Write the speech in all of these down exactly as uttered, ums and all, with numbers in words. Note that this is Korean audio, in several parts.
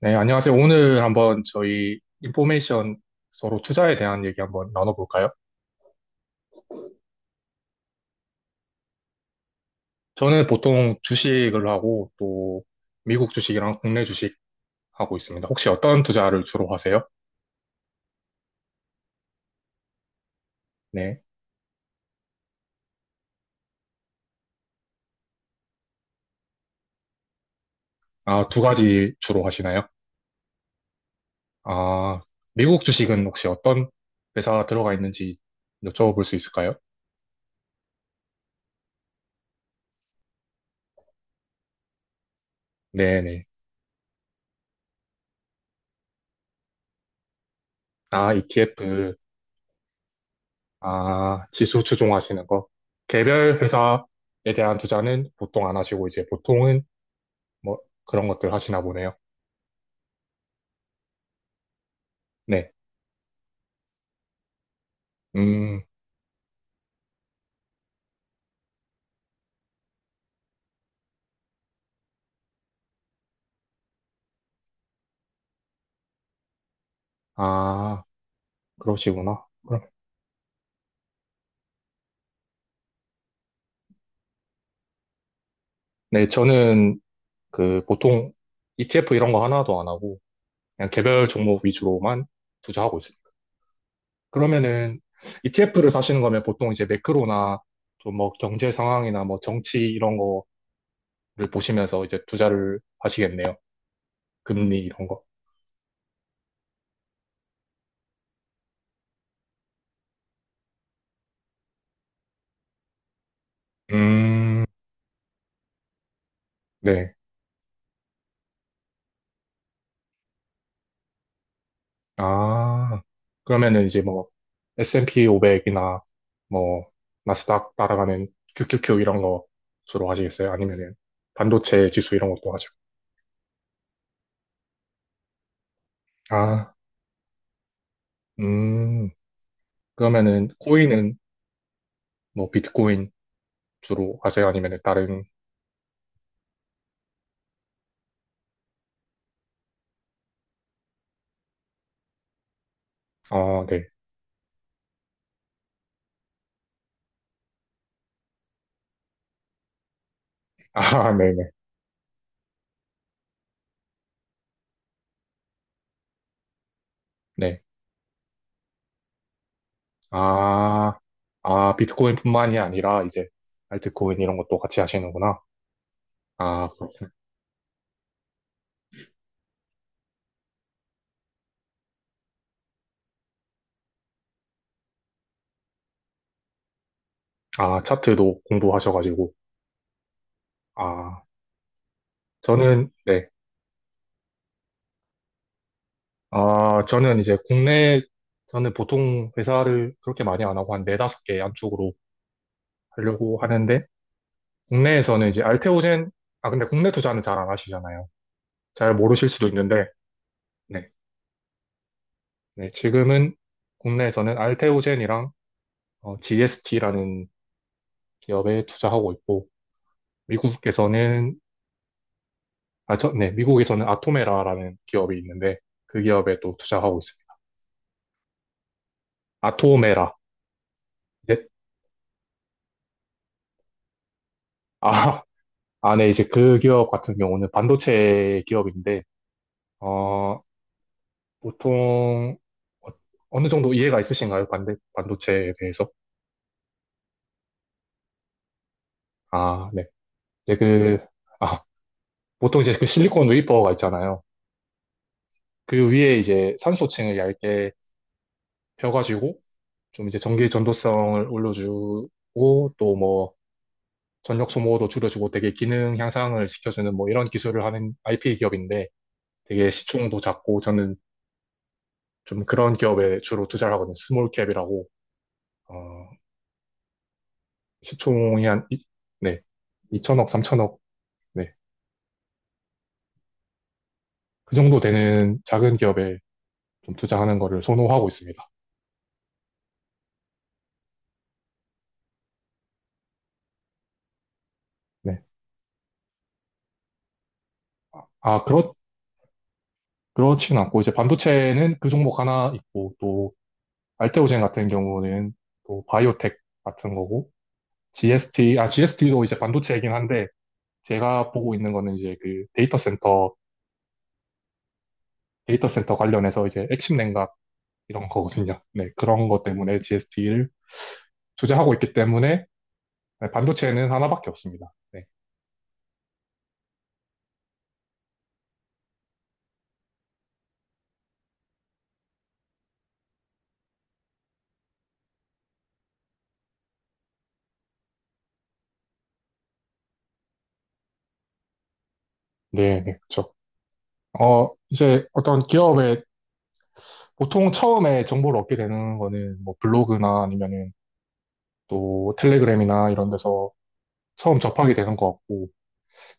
네, 안녕하세요. 오늘 한번 저희 인포메이션 서로 투자에 대한 얘기 한번 나눠볼까요? 저는 보통 주식을 하고 또 미국 주식이랑 국내 주식 하고 있습니다. 혹시 어떤 투자를 주로 하세요? 네. 아, 두 가지 주로 하시나요? 아, 미국 주식은 혹시 어떤 회사 들어가 있는지 여쭤볼 수 있을까요? 네네. 아, 이티에프, 아, 지수 추종하시는 거. 개별 회사에 대한 투자는 보통 안 하시고 이제 보통은 뭐 그런 것들 하시나 보네요. 네. 음, 아, 그러시구나. 그럼, 네, 저는 그 보통 이티에프 이런 거 하나도 안 하고 그냥 개별 종목 위주로만 투자하고 있습니다. 그러면은 이티에프를 사시는 거면 보통 이제 매크로나 좀 뭐 경제 상황이나 뭐 정치 이런 거를 보시면서 이제 투자를 하시겠네요. 금리 이런 거. 음, 네. 아, 그러면은 이제 뭐, 에스앤피 오백이나 뭐, 나스닥 따라가는 큐큐큐 이런 거 주로 하시겠어요? 아니면은 반도체 지수 이런 것도 하죠? 아, 음, 그러면은 코인은 뭐, 비트코인 주로 하세요? 아니면은 다른, 어, 네. 아, 네네. 네. 아, 아, 비트코인뿐만이 아니라 이제 알트코인 이런 것도 같이 하시는구나. 아, 그렇군. 아, 차트도 공부하셔가지고. 아, 저는, 네. 아, 저는 이제 국내, 저는 보통 회사를 그렇게 많이 안 하고 한 네다섯 개 안쪽으로 하려고 하는데, 국내에서는 이제 알테오젠, 아, 근데 국내 투자는 잘 안 하시잖아요. 잘 모르실 수도 있는데, 네. 네, 지금은 국내에서는 알테오젠이랑 지에스티라는 기업에 투자하고 있고, 미국에서는, 아, 저, 네, 미국에서는 아토메라라는 기업이 있는데, 그 기업에 또 투자하고 있습니다. 아토메라. 네. 아, 아, 네, 이제 그 기업 같은 경우는 반도체 기업인데, 어, 보통 어- 어느 정도 이해가 있으신가요? 반대, 반도체에 대해서? 아, 네. 네, 그, 아, 보통 이제 그 실리콘 웨이퍼가 있잖아요. 그 위에 이제 산소층을 얇게 펴가지고 좀 이제 전기 전도성을 올려주고 또 뭐 전력 소모도 줄여주고 되게 기능 향상을 시켜주는 뭐 이런 기술을 하는 아이피 기업인데 되게 시총도 작고 저는 좀 그런 기업에 주로 투자를 하거든요. 스몰 캡이라고. 어, 시총이 한, 이- 네. 이천억, 삼천억 네. 그 정도 되는 작은 기업에 좀 투자하는 거를 선호하고 있습니다. 네. 아, 그렇, 그렇진 않고, 이제 반도체는 그 종목 하나 있고, 또, 알테오젠 같은 경우는 또 바이오텍 같은 거고, 지에스티, 아, 지에스티도 이제 반도체이긴 한데, 제가 보고 있는 거는 이제 그 데이터 센터, 데이터 센터 관련해서 이제 핵심 냉각 이런 거거든요. 네. 그런 것 때문에 지에스티를 투자하고 있기 때문에, 네, 반도체는 하나밖에 없습니다. 네. 네, 네, 그렇죠. 어, 이제 어떤 기업의 보통 처음에 정보를 얻게 되는 거는 뭐 블로그나 아니면은 또 텔레그램이나 이런 데서 처음 접하게 되는 것 같고,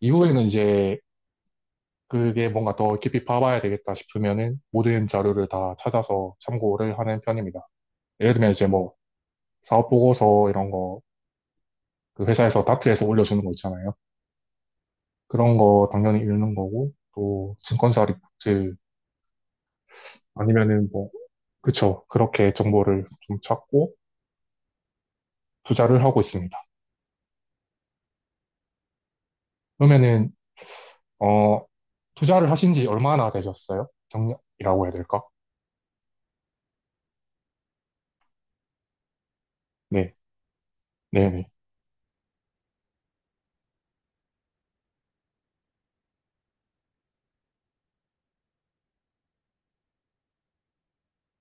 이후에는 이제 그게 뭔가 더 깊이 파봐야 되겠다 싶으면은 모든 자료를 다 찾아서 참고를 하는 편입니다. 예를 들면 이제 뭐 사업 보고서 이런 거, 그 회사에서 다트에서 올려주는 거 있잖아요. 그런 거 당연히 읽는 거고, 또 증권사 리포트 아니면은 뭐, 그쵸. 그렇게 정보를 좀 찾고 투자를 하고 있습니다. 그러면은 어, 투자를 하신 지 얼마나 되셨어요? 경력이라고 해야 될까? 네, 네네.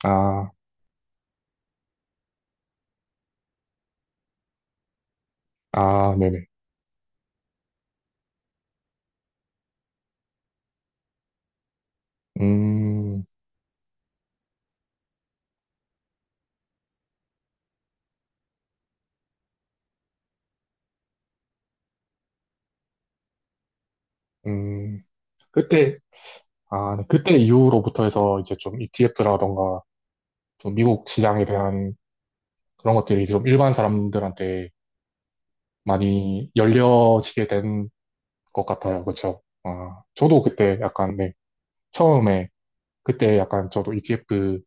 아, 아, 네네. 음, 음, 그때, 아, 네. 그때 이후로부터 해서 이제 좀 이티에프라던가 좀 미국 시장에 대한 그런 것들이 좀 일반 사람들한테 많이 열려지게 된 것 같아요. 그렇죠? 아, 저도 그때 약간, 네, 처음에 그때 약간 저도 이티에프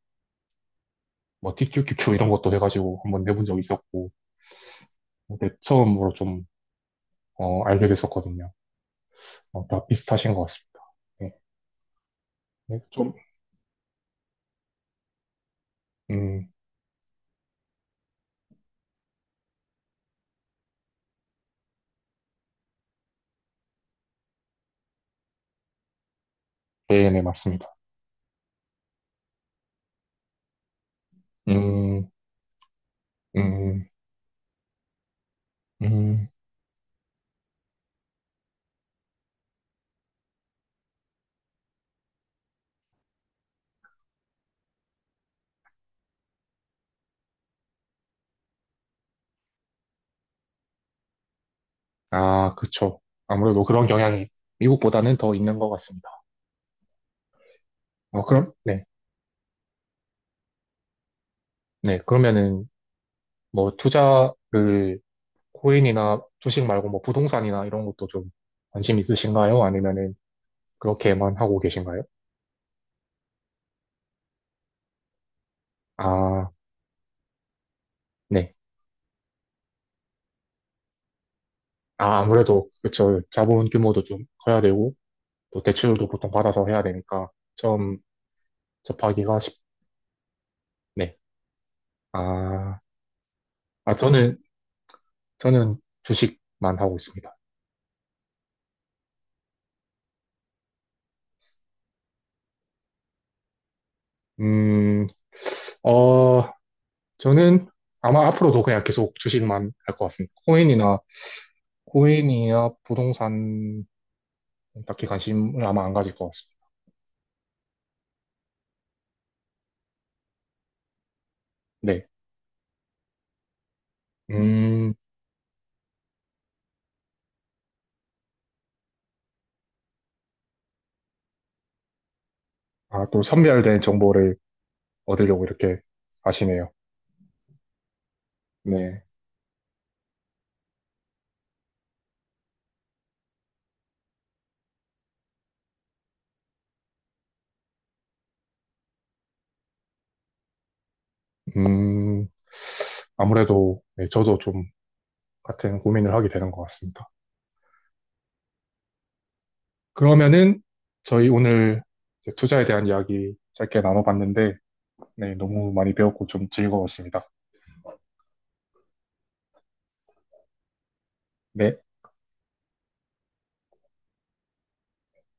뭐 티큐큐큐 이런 것도 해가지고 한번 내본 적 있었고, 그때 처음으로 좀, 어, 알게 됐었거든요. 어, 다 비슷하신 것 같습니다. 네, 네, 좀, 음, 네, 네, 맞습니다. 음, 음, 음, 아, 그쵸. 아무래도 그런 경향이 미국보다는 더 있는 것 같습니다. 어, 그럼, 네, 네, 그러면은, 뭐, 투자를, 코인이나 주식 말고 뭐, 부동산이나 이런 것도 좀 관심 있으신가요? 아니면은, 그렇게만 하고 계신가요? 아, 네. 아, 아무래도, 그쵸. 자본 규모도 좀 커야 되고, 또 대출도 보통 받아서 해야 되니까, 처음 접하기가 쉽, 네. 아, 아, 저는, 저는 주식만 하고 있습니다. 음, 어, 저는 아마 앞으로도 그냥 계속 주식만 할 것 같습니다. 코인이나, 코인이나 부동산 딱히 관심을 아마 안 가질 것 같습니다. 네. 음, 아, 또 선별된 정보를 얻으려고 이렇게 하시네요. 네. 음, 아무래도, 네, 저도 좀 같은 고민을 하게 되는 것 같습니다. 그러면은 저희 오늘 이제 투자에 대한 이야기 짧게 나눠봤는데, 네, 너무 많이 배웠고 좀 즐거웠습니다. 네.